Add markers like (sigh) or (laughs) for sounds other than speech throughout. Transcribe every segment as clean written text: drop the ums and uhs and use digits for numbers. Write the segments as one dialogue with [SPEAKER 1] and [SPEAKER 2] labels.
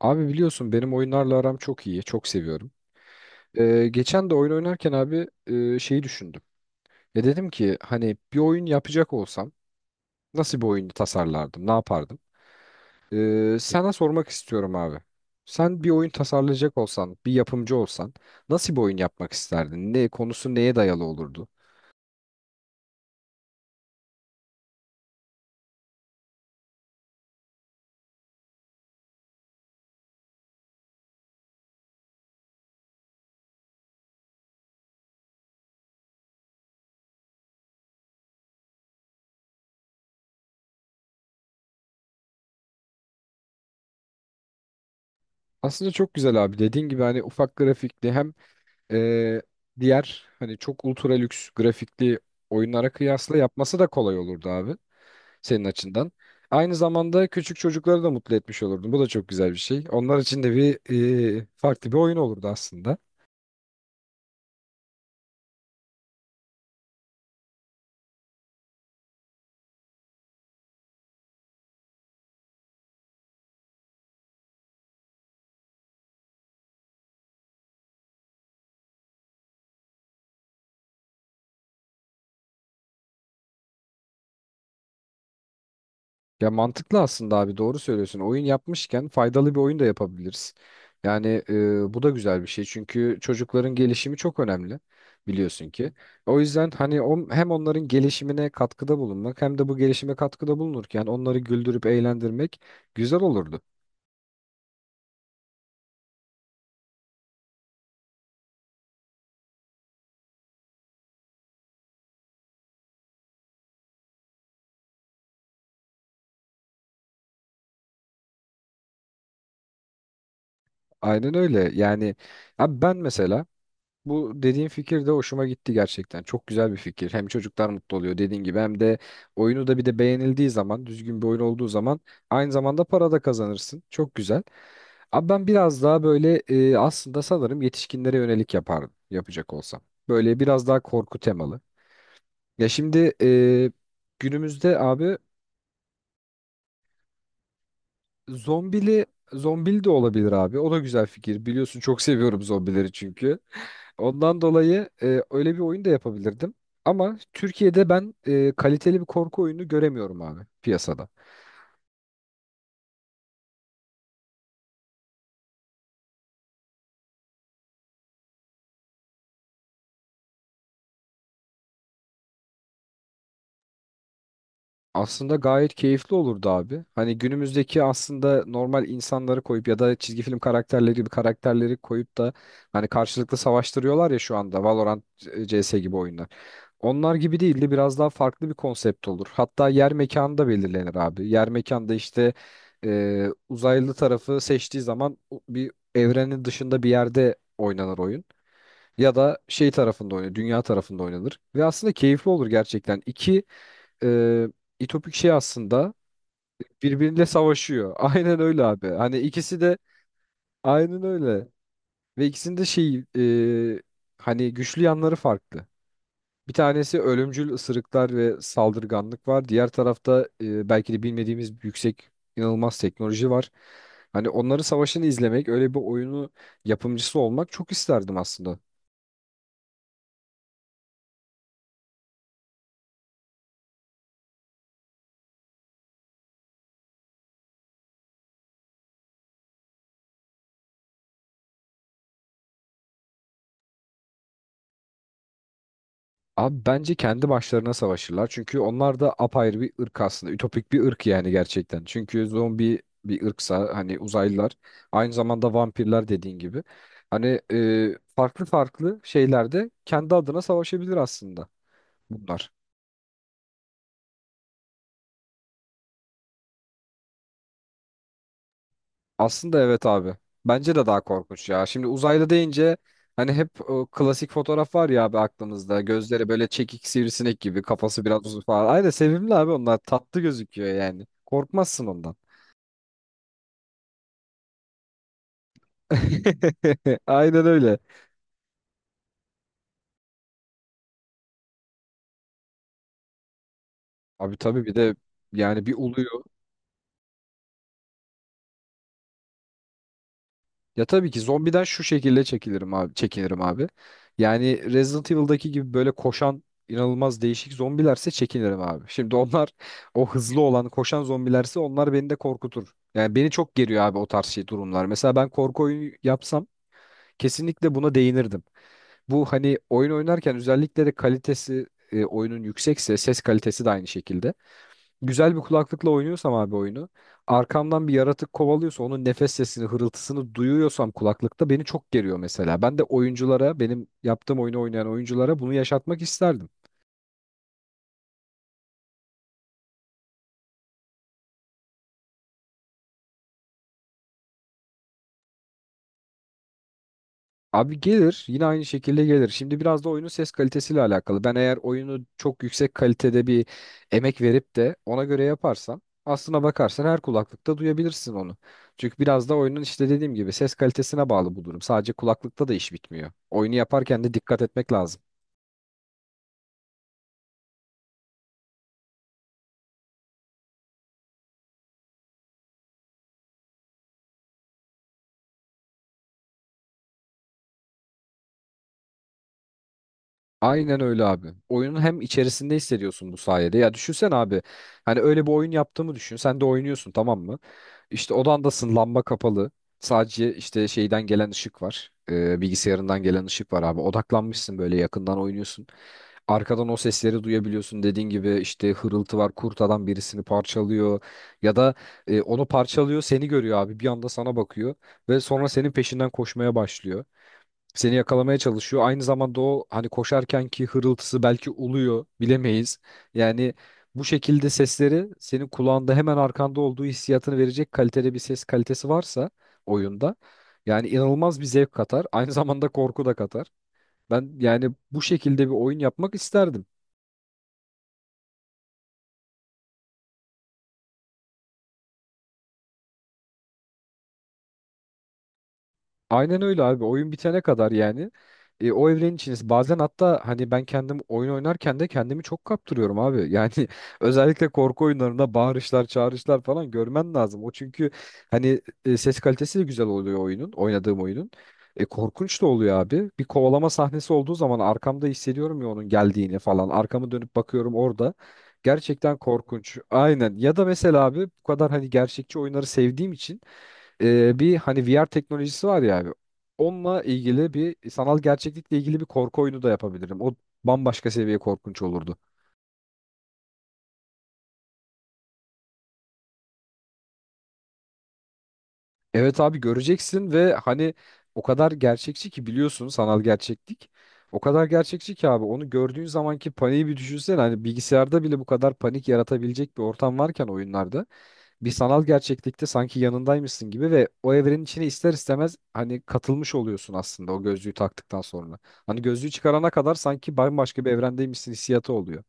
[SPEAKER 1] Abi biliyorsun benim oyunlarla aram çok iyi. Çok seviyorum. Geçen de oyun oynarken abi şeyi düşündüm. Ya dedim ki hani bir oyun yapacak olsam nasıl bir oyunu tasarlardım? Ne yapardım? Sana sormak istiyorum abi. Sen bir oyun tasarlayacak olsan, bir yapımcı olsan nasıl bir oyun yapmak isterdin? Ne konusu neye dayalı olurdu? Aslında çok güzel abi. Dediğin gibi hani ufak grafikli hem e, diğer hani çok ultra lüks grafikli oyunlara kıyasla yapması da kolay olurdu abi, senin açından. Aynı zamanda küçük çocukları da mutlu etmiş olurdun. Bu da çok güzel bir şey. Onlar için de bir farklı bir oyun olurdu aslında. Ya mantıklı aslında abi, doğru söylüyorsun. Oyun yapmışken faydalı bir oyun da yapabiliriz. Yani bu da güzel bir şey. Çünkü çocukların gelişimi çok önemli, biliyorsun ki. O yüzden hem onların gelişimine katkıda bulunmak hem de bu gelişime katkıda bulunurken onları güldürüp eğlendirmek güzel olurdu. Aynen öyle. Yani abi ben mesela bu dediğin fikir de hoşuma gitti gerçekten. Çok güzel bir fikir. Hem çocuklar mutlu oluyor dediğin gibi hem de oyunu da bir de beğenildiği zaman, düzgün bir oyun olduğu zaman aynı zamanda para da kazanırsın. Çok güzel. Abi ben biraz daha böyle aslında sanırım yetişkinlere yönelik yapardım yapacak olsam. Böyle biraz daha korku temalı. Ya şimdi günümüzde abi. Zombili, zombili de olabilir abi. O da güzel fikir. Biliyorsun çok seviyorum zombileri çünkü. Ondan dolayı öyle bir oyun da yapabilirdim. Ama Türkiye'de ben kaliteli bir korku oyunu göremiyorum abi piyasada. Aslında gayet keyifli olurdu abi. Hani günümüzdeki aslında normal insanları koyup ya da çizgi film karakterleri gibi karakterleri koyup da hani karşılıklı savaştırıyorlar ya şu anda Valorant, CS gibi oyunlar. Onlar gibi değil de biraz daha farklı bir konsept olur. Hatta yer mekanı da belirlenir abi. Yer mekanda işte uzaylı tarafı seçtiği zaman bir evrenin dışında bir yerde oynanır oyun. Ya da şey tarafında oynanır, dünya tarafında oynanır. Ve aslında keyifli olur gerçekten. İki e, İtopik şey aslında birbiriyle savaşıyor. (laughs) Aynen öyle abi. Hani ikisi de aynen öyle. Ve ikisinin de şey, e, hani güçlü yanları farklı. Bir tanesi ölümcül ısırıklar ve saldırganlık var. Diğer tarafta belki de bilmediğimiz yüksek inanılmaz teknoloji var. Hani onların savaşını izlemek, öyle bir oyunu yapımcısı olmak çok isterdim aslında. Abi bence kendi başlarına savaşırlar. Çünkü onlar da apayrı bir ırk aslında. Ütopik bir ırk yani gerçekten. Çünkü zombi bir ırksa hani uzaylılar aynı zamanda vampirler dediğin gibi. Hani farklı farklı şeylerde kendi adına savaşabilir aslında bunlar. Aslında evet abi. Bence de daha korkunç ya. Şimdi uzaylı deyince hani hep o klasik fotoğraf var ya abi aklımızda. Gözleri böyle çekik sivrisinek gibi, kafası biraz uzun falan. Aynen sevimli abi, onlar tatlı gözüküyor yani. Korkmazsın ondan. (laughs) Aynen öyle. Abi tabii bir de yani bir oluyor. Ya tabii ki zombiden şu şekilde çekilirim abi, çekinirim abi. Yani Resident Evil'daki gibi böyle koşan inanılmaz değişik zombilerse çekinirim abi. Şimdi onlar o hızlı olan koşan zombilerse onlar beni de korkutur. Yani beni çok geriyor abi o tarz şey durumlar. Mesela ben korku oyunu yapsam kesinlikle buna değinirdim. Bu hani oyun oynarken özellikle de kalitesi oyunun yüksekse ses kalitesi de aynı şekilde, güzel bir kulaklıkla oynuyorsam abi oyunu arkamdan bir yaratık kovalıyorsa onun nefes sesini hırıltısını duyuyorsam kulaklıkta beni çok geriyor mesela. Ben de oyunculara, benim yaptığım oyunu oynayan oyunculara bunu yaşatmak isterdim. Abi gelir, yine aynı şekilde gelir. Şimdi biraz da oyunun ses kalitesiyle alakalı. Ben eğer oyunu çok yüksek kalitede bir emek verip de ona göre yaparsam aslına bakarsan her kulaklıkta duyabilirsin onu. Çünkü biraz da oyunun işte dediğim gibi ses kalitesine bağlı bu durum. Sadece kulaklıkta da iş bitmiyor. Oyunu yaparken de dikkat etmek lazım. Aynen öyle abi. Oyunun hem içerisinde hissediyorsun bu sayede. Ya düşünsen abi. Hani öyle bir oyun yaptığımı düşün. Sen de oynuyorsun, tamam mı? İşte odandasın, lamba kapalı. Sadece işte şeyden gelen ışık var. Bilgisayarından gelen ışık var abi. Odaklanmışsın böyle, yakından oynuyorsun. Arkadan o sesleri duyabiliyorsun. Dediğin gibi işte hırıltı var. Kurt adam birisini parçalıyor. Ya da onu parçalıyor, seni görüyor abi. Bir anda sana bakıyor. Ve sonra senin peşinden koşmaya başlıyor. Seni yakalamaya çalışıyor. Aynı zamanda o hani koşarken ki hırıltısı, belki uluyor bilemeyiz. Yani bu şekilde sesleri senin kulağında hemen arkanda olduğu hissiyatını verecek kalitede bir ses kalitesi varsa oyunda, yani inanılmaz bir zevk katar. Aynı zamanda korku da katar. Ben yani bu şekilde bir oyun yapmak isterdim. Aynen öyle abi. Oyun bitene kadar yani o evrenin içindesin. Bazen hatta hani ben kendim oyun oynarken de kendimi çok kaptırıyorum abi. Yani (laughs) özellikle korku oyunlarında bağırışlar, çağrışlar falan görmen lazım. O çünkü hani ses kalitesi de güzel oluyor oyunun, oynadığım oyunun. Korkunç da oluyor abi. Bir kovalama sahnesi olduğu zaman arkamda hissediyorum ya onun geldiğini falan. Arkamı dönüp bakıyorum orada. Gerçekten korkunç. Aynen. Ya da mesela abi bu kadar hani gerçekçi oyunları sevdiğim için bir hani VR teknolojisi var ya abi. Onunla ilgili bir, sanal gerçeklikle ilgili bir korku oyunu da yapabilirim. O bambaşka seviye korkunç olurdu. Evet abi, göreceksin ve hani o kadar gerçekçi ki, biliyorsun sanal gerçeklik. O kadar gerçekçi ki abi, onu gördüğün zamanki paniği bir düşünsene. Hani bilgisayarda bile bu kadar panik yaratabilecek bir ortam varken oyunlarda, bir sanal gerçeklikte sanki yanındaymışsın gibi ve o evrenin içine ister istemez hani katılmış oluyorsun aslında o gözlüğü taktıktan sonra. Hani gözlüğü çıkarana kadar sanki bambaşka bir evrendeymişsin hissiyatı oluyor.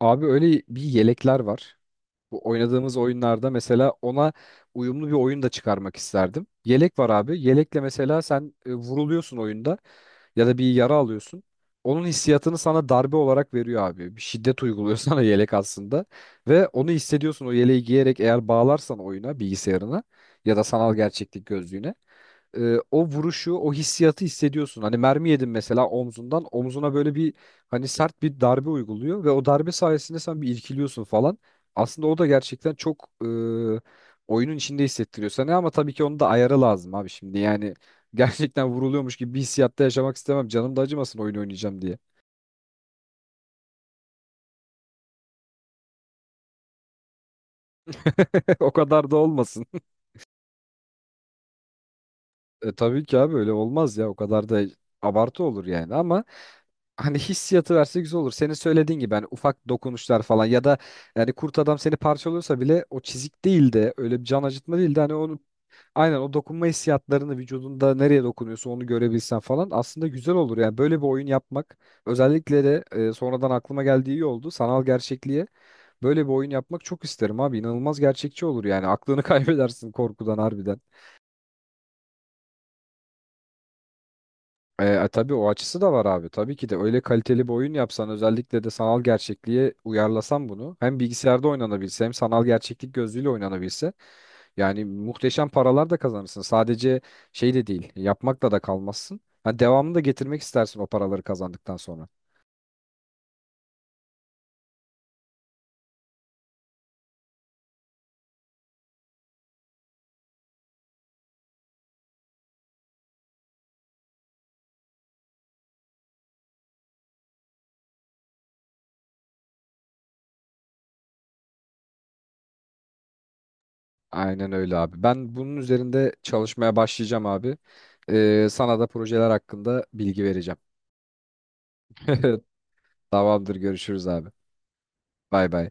[SPEAKER 1] Abi öyle bir yelekler var. Bu oynadığımız oyunlarda mesela ona uyumlu bir oyun da çıkarmak isterdim. Yelek var abi. Yelekle mesela sen vuruluyorsun oyunda, ya da bir yara alıyorsun. Onun hissiyatını sana darbe olarak veriyor abi. Bir şiddet uyguluyor (laughs) sana yelek aslında. Ve onu hissediyorsun o yeleği giyerek. Eğer bağlarsan oyuna, bilgisayarına ya da sanal gerçeklik gözlüğüne, o vuruşu, o hissiyatı hissediyorsun. Hani mermi yedin mesela omzundan, omzuna böyle bir hani sert bir darbe uyguluyor ve o darbe sayesinde sen bir irkiliyorsun falan. Aslında o da gerçekten çok oyunun içinde hissettiriyor sana, ama tabii ki onun da ayarı lazım abi şimdi. Yani (laughs) gerçekten vuruluyormuş gibi bir hissiyatta yaşamak istemem. Canım da acımasın oyun oynayacağım diye. (laughs) O kadar da olmasın. Tabii ki abi öyle olmaz ya, o kadar da abartı olur yani, ama hani hissiyatı verse güzel olur. Senin söylediğin gibi hani ufak dokunuşlar falan, ya da yani kurt adam seni parçalıyorsa bile o çizik değil de, öyle bir can acıtma değil de, hani onu aynen o dokunma hissiyatlarını vücudunda nereye dokunuyorsa onu görebilsen falan aslında güzel olur. Yani böyle bir oyun yapmak, özellikle de sonradan aklıma geldiği iyi oldu, sanal gerçekliğe böyle bir oyun yapmak çok isterim abi, inanılmaz gerçekçi olur yani, aklını (laughs) kaybedersin korkudan harbiden. Tabii o açısı da var abi. Tabii ki de öyle kaliteli bir oyun yapsan, özellikle de sanal gerçekliğe uyarlasan bunu, hem bilgisayarda oynanabilse hem sanal gerçeklik gözlüğüyle oynanabilse yani muhteşem paralar da kazanırsın. Sadece şey de değil, yapmakla da kalmazsın. Ha, devamını da getirmek istersin o paraları kazandıktan sonra. Aynen öyle abi. Ben bunun üzerinde çalışmaya başlayacağım abi. Sana da projeler hakkında bilgi vereceğim. (laughs) Tamamdır, görüşürüz abi. Bay bay.